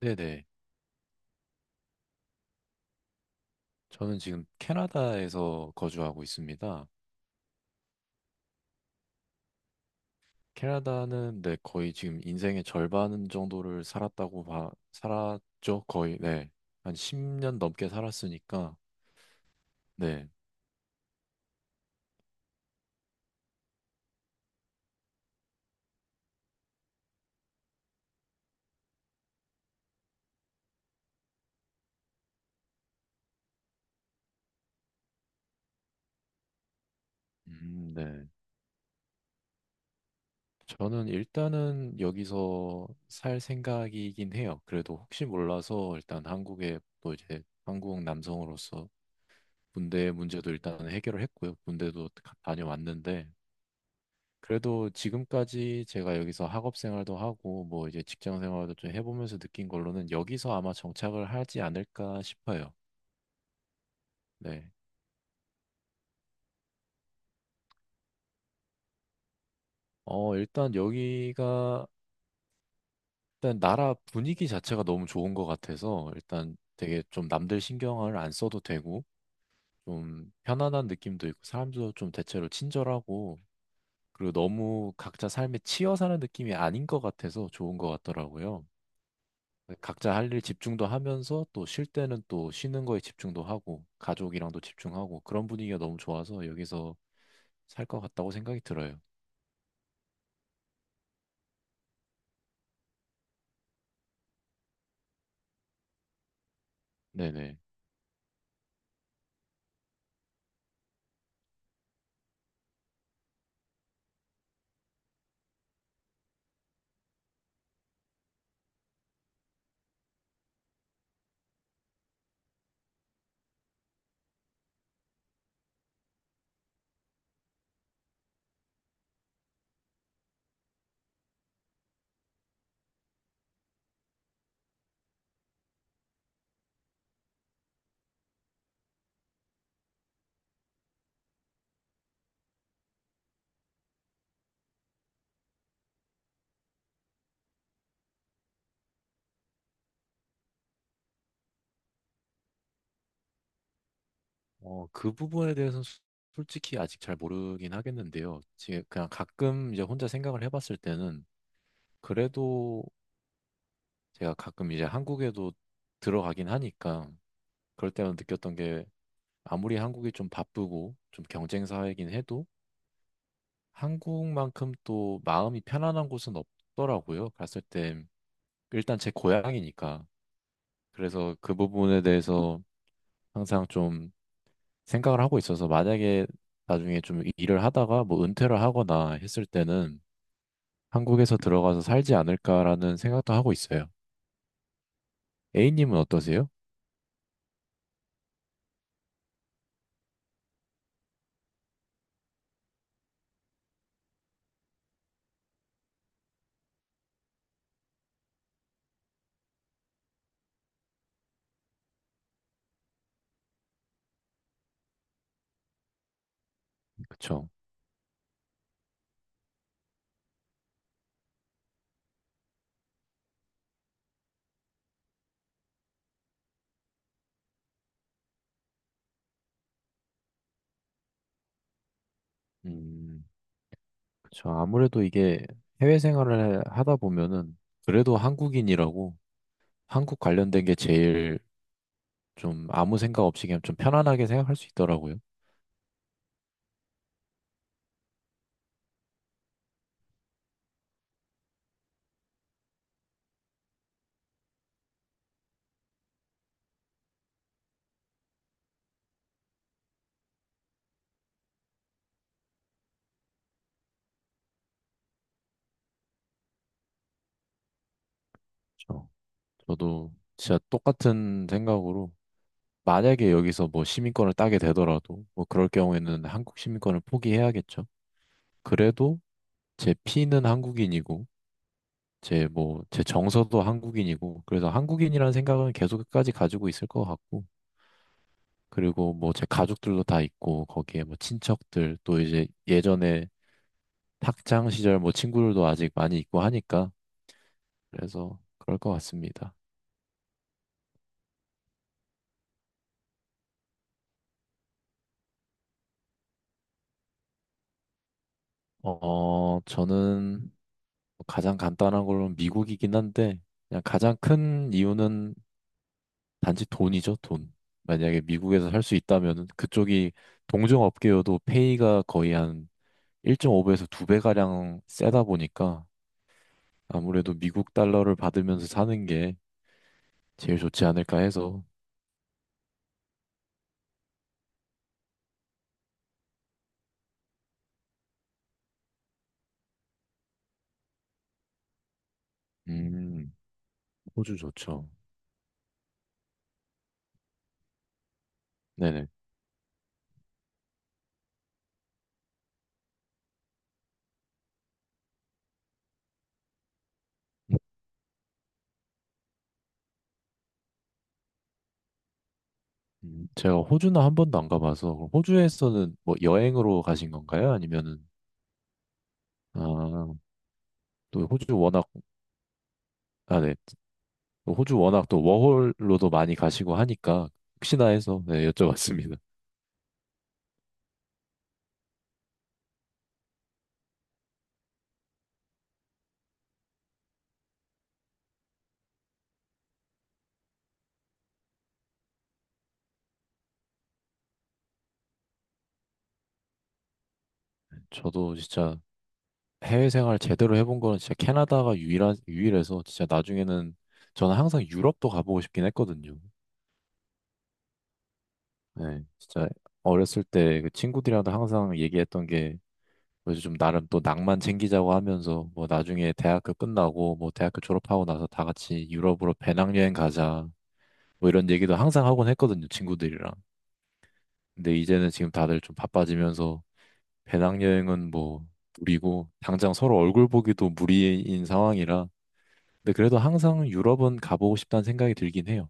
네네. 저는 지금 캐나다에서 거주하고 있습니다. 캐나다는 네, 거의 지금 인생의 절반 정도를 살았죠. 거의, 네. 한 10년 넘게 살았으니까, 네. 네. 저는 일단은 여기서 살 생각이긴 해요. 그래도 혹시 몰라서 일단 한국에 또 이제 한국 남성으로서 군대 문제도 일단 해결을 했고요. 군대도 다녀왔는데, 그래도 지금까지 제가 여기서 학업 생활도 하고 뭐 이제 직장 생활도 좀 해보면서 느낀 걸로는 여기서 아마 정착을 하지 않을까 싶어요. 네. 어, 일단 여기가 일단 나라 분위기 자체가 너무 좋은 것 같아서 일단 되게 좀 남들 신경을 안 써도 되고 좀 편안한 느낌도 있고 사람도 좀 대체로 친절하고 그리고 너무 각자 삶에 치여 사는 느낌이 아닌 것 같아서 좋은 것 같더라고요. 각자 할 일 집중도 하면서 또 쉴 때는 또 쉬는 거에 집중도 하고 가족이랑도 집중하고 그런 분위기가 너무 좋아서 여기서 살 것 같다고 생각이 들어요. 네네. 어, 그 부분에 대해서는 솔직히 아직 잘 모르긴 하겠는데요. 제 그냥 가끔 이제 혼자 생각을 해봤을 때는 그래도 제가 가끔 이제 한국에도 들어가긴 하니까 그럴 때만 느꼈던 게 아무리 한국이 좀 바쁘고 좀 경쟁 사회이긴 해도 한국만큼 또 마음이 편안한 곳은 없더라고요. 갔을 때 일단 제 고향이니까. 그래서 그 부분에 대해서 항상 좀 생각을 하고 있어서 만약에 나중에 좀 일을 하다가 뭐 은퇴를 하거나 했을 때는 한국에서 들어가서 살지 않을까라는 생각도 하고 있어요. A님은 어떠세요? 그쵸. 음, 그쵸. 아무래도 이게 해외 생활을 하다 보면은 그래도 한국인이라고 한국 관련된 게 제일 좀 아무 생각 없이 그냥 좀 편안하게 생각할 수 있더라고요. 저, 저도 진짜 똑같은 생각으로 만약에 여기서 뭐 시민권을 따게 되더라도 뭐 그럴 경우에는 한국 시민권을 포기해야겠죠. 그래도 제 피는 한국인이고 제 뭐 제 정서도 한국인이고 그래서 한국인이라는 생각은 계속 끝까지 가지고 있을 것 같고 그리고 뭐 제 가족들도 다 있고 거기에 뭐 친척들 또 이제 예전에 학창 시절 뭐 친구들도 아직 많이 있고 하니까 그래서 그럴 것 같습니다. 어, 저는 뭐 가장 간단한 걸로는 미국이긴 한데, 그냥 가장 큰 이유는 단지 돈이죠, 돈. 만약에 미국에서 살 수 있다면 그쪽이 동종업계여도 페이가 거의 한 1.5배에서 2배가량 세다 보니까 아무래도 미국 달러를 받으면서 사는 게 제일 좋지 않을까 해서, 음, 호주 좋죠. 네네. 제가 호주는 한 번도 안 가봐서, 그럼 호주에서는 뭐 여행으로 가신 건가요? 아니면은, 아, 또 호주 워낙 아, 네. 호주 워낙 또 워홀로도 많이 가시고 하니까 혹시나 해서 네, 여쭤봤습니다. 저도 진짜 해외 생활 제대로 해본 거는 진짜 캐나다가 유일한, 유일해서 진짜 나중에는 저는 항상 유럽도 가보고 싶긴 했거든요. 네, 진짜 어렸을 때 그 친구들이랑도 항상 얘기했던 게 그래서 좀 나름 또 낭만 챙기자고 하면서 뭐 나중에 대학교 끝나고 뭐 대학교 졸업하고 나서 다 같이 유럽으로 배낭여행 가자 뭐 이런 얘기도 항상 하곤 했거든요, 친구들이랑. 근데 이제는 지금 다들 좀 바빠지면서 배낭여행은 뭐 무리고 당장 서로 얼굴 보기도 무리인 상황이라 근데 그래도 항상 유럽은 가보고 싶다는 생각이 들긴 해요.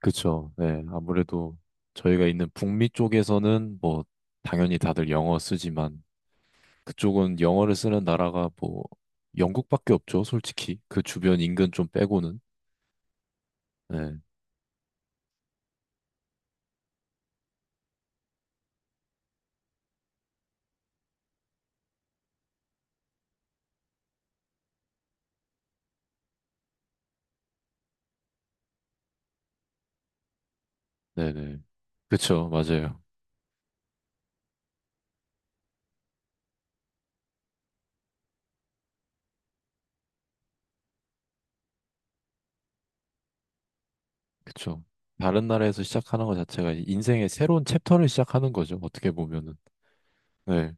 그쵸. 네. 아무래도 저희가 있는 북미 쪽에서는 뭐 당연히 다들 영어 쓰지만 그쪽은 영어를 쓰는 나라가 뭐 영국밖에 없죠. 솔직히. 그 주변 인근 좀 빼고는. 네. 네네. 그쵸. 맞아요. 그쵸. 다른 나라에서 시작하는 것 자체가 인생의 새로운 챕터를 시작하는 거죠. 어떻게 보면은. 네.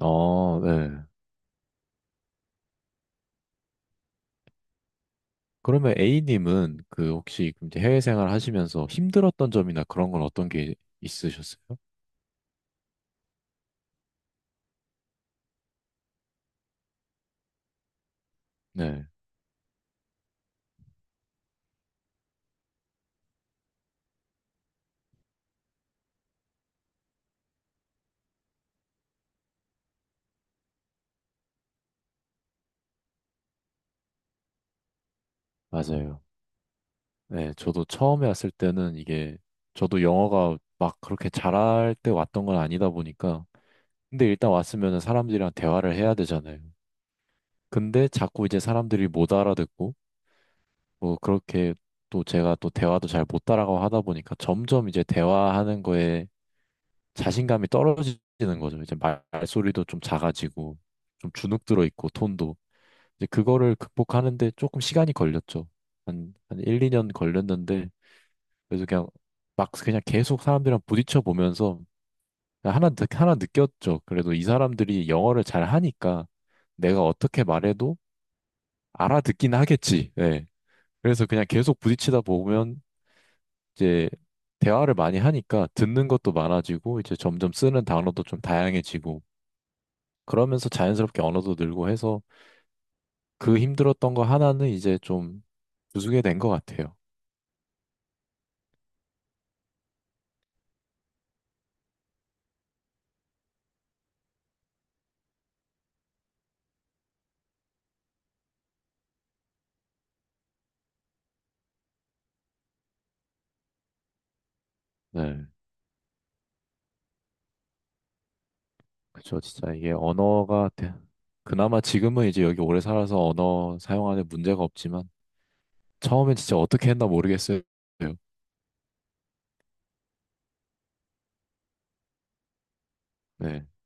어, 네. 그러면 A님은 그 혹시 그럼 이제 해외 생활 하시면서 힘들었던 점이나 그런 건 어떤 게 있으셨어요? 네, 맞아요. 네, 저도 처음에 왔을 때는 이게 저도 영어가 막 그렇게 잘할 때 왔던 건 아니다 보니까 근데 일단 왔으면은 사람들이랑 대화를 해야 되잖아요. 근데 자꾸 이제 사람들이 못 알아듣고 뭐 그렇게 또 제가 또 대화도 잘 못 따라가고 하다 보니까 점점 이제 대화하는 거에 자신감이 떨어지는 거죠. 이제 말소리도 좀 작아지고 좀 주눅 들어 있고 톤도 이제 그거를 극복하는데 조금 시간이 걸렸죠. 한 1, 2년 걸렸는데 그래서 그냥 막 그냥 계속 사람들이랑 부딪혀 보면서 하나 느꼈죠. 그래도 이 사람들이 영어를 잘 하니까 내가 어떻게 말해도 알아듣긴 하겠지. 예. 그래서 그냥 계속 부딪히다 보면 이제 대화를 많이 하니까 듣는 것도 많아지고 이제 점점 쓰는 단어도 좀 다양해지고 그러면서 자연스럽게 언어도 늘고 해서 그 힘들었던 거 하나는 이제 좀 부수게 된 것 같아요. 네. 그쵸. 진짜 이게 언어가 그나마 지금은 이제 여기 오래 살아서 언어 사용하는 문제가 없지만 처음엔 진짜 어떻게 했나 모르겠어요. 네.